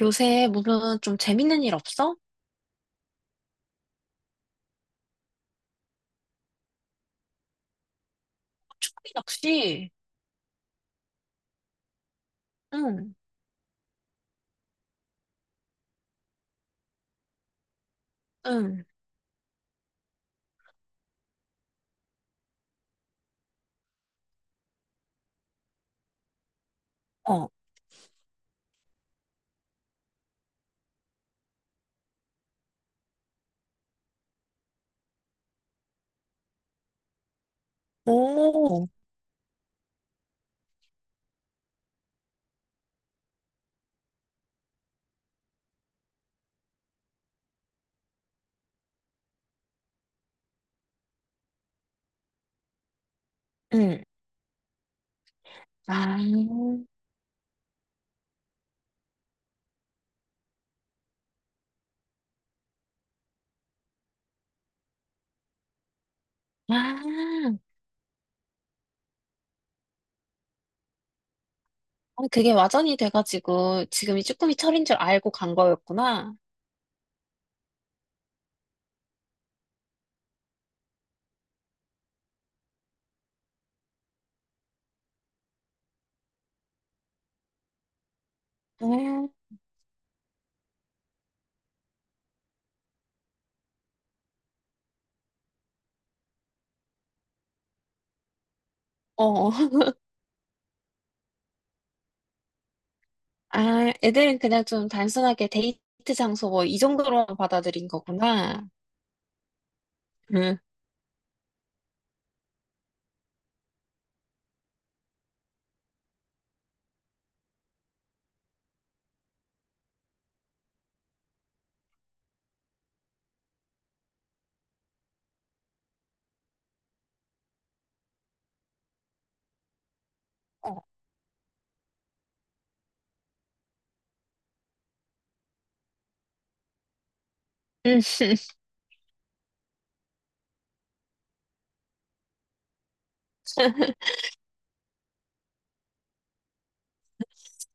요새 무슨 좀 재밌는 일 없어? 호기 낚시. 응, 응, 어, 오, 응. 아, 아, 아, 그게 와전이 돼가지고 지금이 쭈꾸미 철인 줄 알고 간 거였구나. 응! 어, 아, 애들은 그냥 좀 단순하게 데이트 장소 뭐 이 정도로 받아들인 거구나. 응, 어, 응.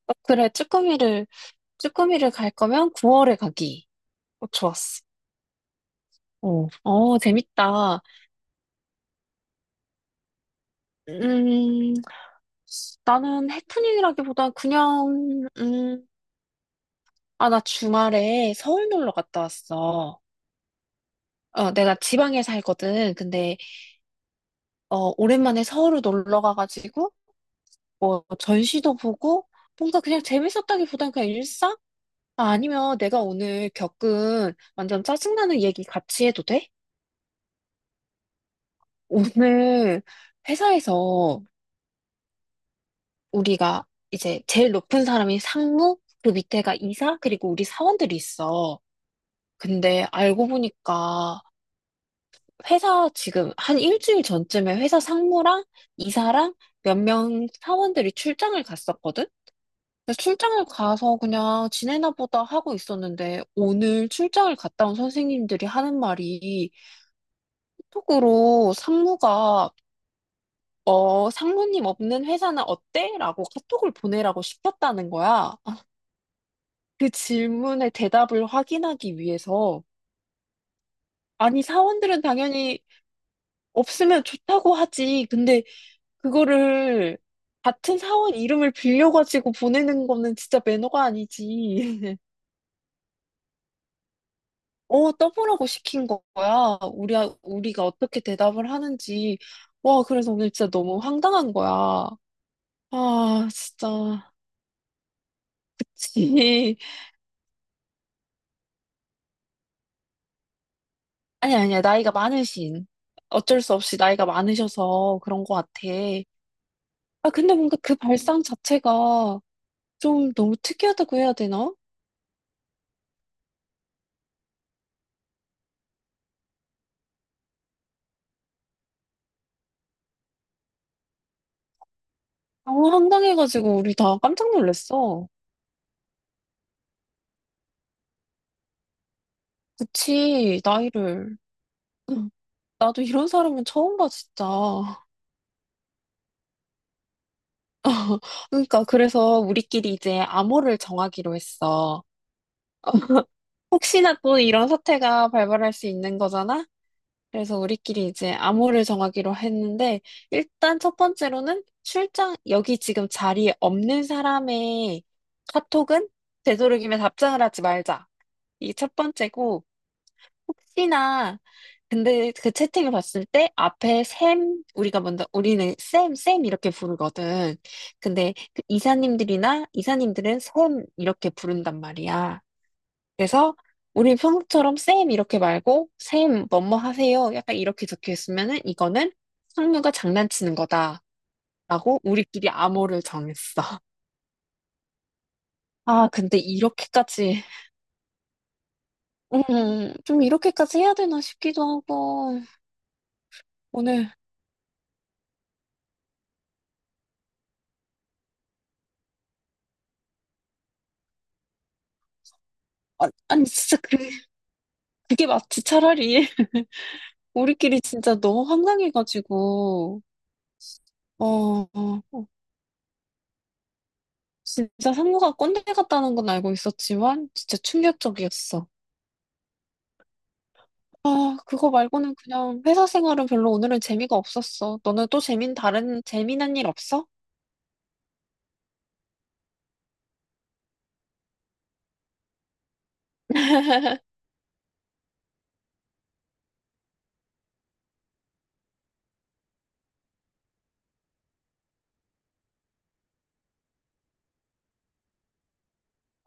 어, 그래, 쭈꾸미를, 쭈꾸미를 갈 거면 9월에 가기. 어, 좋았어. 어, 어, 재밌다. 음, 나는 해프닝이라기보단 그냥, 아, 나 주말에 서울 놀러 갔다 왔어. 어, 내가 지방에 살거든. 근데, 어, 오랜만에 서울을 놀러 가가지고, 뭐, 전시도 보고, 뭔가 그냥 재밌었다기보단 그냥 일상? 아, 아니면 내가 오늘 겪은 완전 짜증나는 얘기 같이 해도 돼? 오늘 회사에서 우리가 이제 제일 높은 사람이 상무, 그 밑에가 이사, 그리고 우리 사원들이 있어. 근데 알고 보니까 회사 지금 한 일주일 전쯤에 회사 상무랑 이사랑 몇 명 사원들이 출장을 갔었거든? 근데 출장을 가서 그냥 지내나 보다 하고 있었는데 오늘 출장을 갔다 온 선생님들이 하는 말이 카톡으로 상무가 어, 상무님 없는 회사는 어때? 라고 카톡을 보내라고 시켰다는 거야. 그 질문에 대답을 확인하기 위해서 아니 사원들은 당연히 없으면 좋다고 하지. 근데 그거를 같은 사원 이름을 빌려가지고 보내는 거는 진짜 매너가 아니지. 어, 떠보라고 시킨 거야. 우리, 우리가 어떻게 대답을 하는지. 와, 그래서 오늘 진짜 너무 황당한 거야. 아, 진짜. 그치. 아니, 아니야. 나이가 많으신. 어쩔 수 없이 나이가 많으셔서 그런 것 같아. 아, 근데 뭔가 그 발상 자체가 좀 너무 특이하다고 해야 되나? 너무 황당해가지고 우리 다 깜짝 놀랐어. 그치, 나이를. 응. 나도 이런 사람은 처음 봐, 진짜. 그러니까, 그래서 우리끼리 이제 암호를 정하기로 했어. 혹시나 또 이런 사태가 발발할 수 있는 거잖아? 그래서 우리끼리 이제 암호를 정하기로 했는데, 일단 첫 번째로는 출장, 여기 지금 자리에 없는 사람의 카톡은 되도록이면 답장을 하지 말자. 이게 첫 번째고, 혹시나 근데 그 채팅을 봤을 때 앞에 샘 우리가 먼저 우리는 쌤, 쌤 이렇게 부르거든. 근데 그 이사님들이나 이사님들은 쌤 이렇게 부른단 말이야. 그래서 우리 평소처럼 쌤 이렇게 말고 쌤 뭐뭐 하세요. 약간 이렇게 적혀 있으면은 이거는 상무가 장난치는 거다라고 우리끼리 암호를 정했어. 아, 근데 이렇게까지 좀 이렇게까지 해야 되나 싶기도 하고 오늘 아, 아니 진짜 그게 맞지, 차라리. 우리끼리 진짜 너무 황당해가지고, 어, 어, 어. 진짜 상무가 꼰대 같다는 건 알고 있었지만, 진짜 충격적이었어. 아, 그거 말고는 그냥 회사 생활은 별로 오늘은 재미가 없었어. 너는 또 재민, 다른, 재미난 일 없어?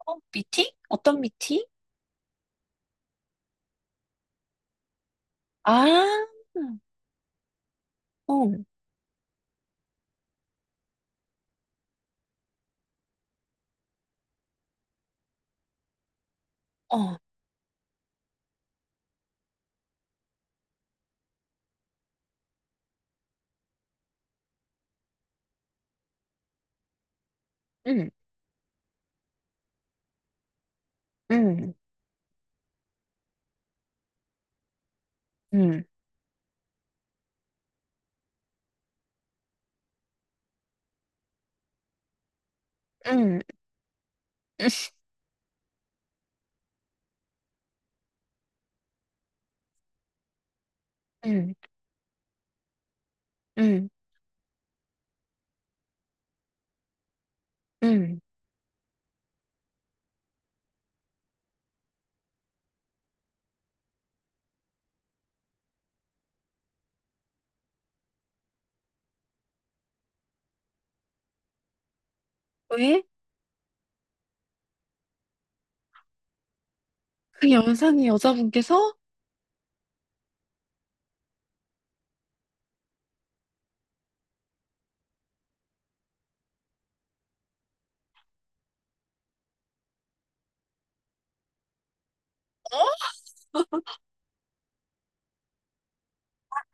어, 미팅? 어떤 미팅? 아, 어, 어, 응, 응, 응, 응, 응, 응, 응. 왜? 그 영상이 여자분께서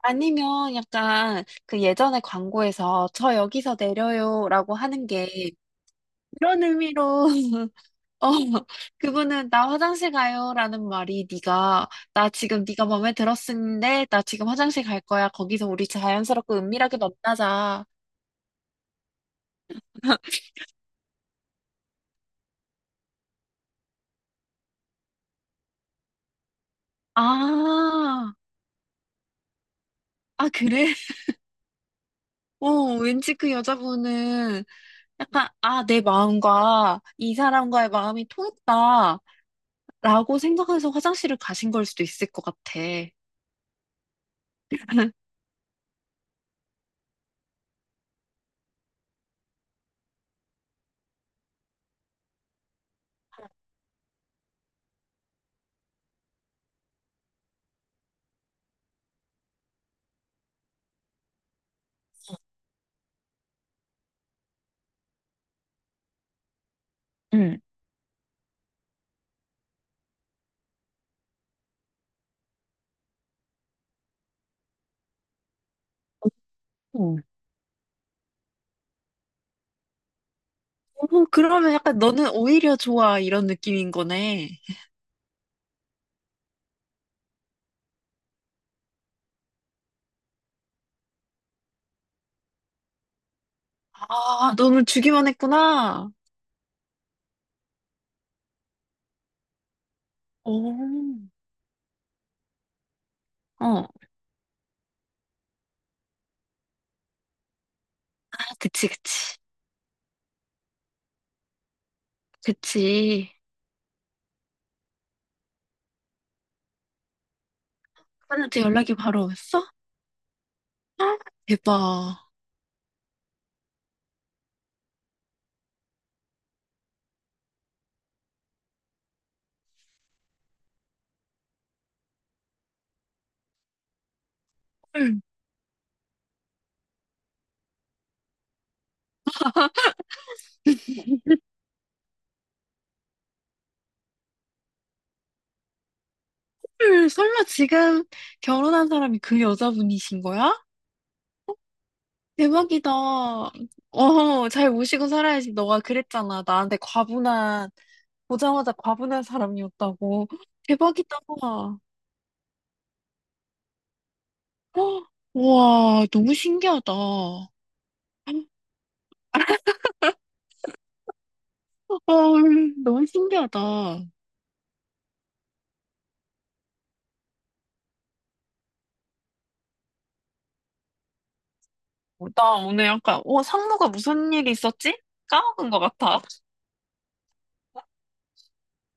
아니면 약간 그 예전에 광고에서 저 여기서 내려요라고 하는 게 그런 의미로 어 그분은 나 화장실 가요라는 말이 네가 나 지금 네가 마음에 들었는데 나 지금 화장실 갈 거야 거기서 우리 자연스럽고 은밀하게 만나자 아, 아, 그래? 어, 왠지 그 여자분은 약간, 아, 내 마음과 이 사람과의 마음이 통했다라고 생각해서 화장실을 가신 걸 수도 있을 것 같아. 어. 어, 그러면 약간 너는 오히려 좋아 이런 느낌인 거네. 아, 너는 주기만 했구나. 오, 어, 아, 그치, 그치, 그치. 아빠한테 연락이 바로 왔어? 아, 대박. 헐, 헐, 설마 지금 결혼한 사람이 그 여자분이신 거야? 대박이다. 어, 잘 모시고 살아야지. 너가 그랬잖아. 나한테 과분한, 보자마자 과분한 사람이었다고. 대박이다. 헉, 우와, 너무 신기하다. 어, 너무 신기하다. 어, 나 오늘 약간, 어, 상무가 무슨 일이 있었지? 까먹은 것 같아.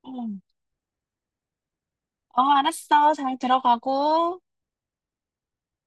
어, 어, 알았어. 잘 들어가고.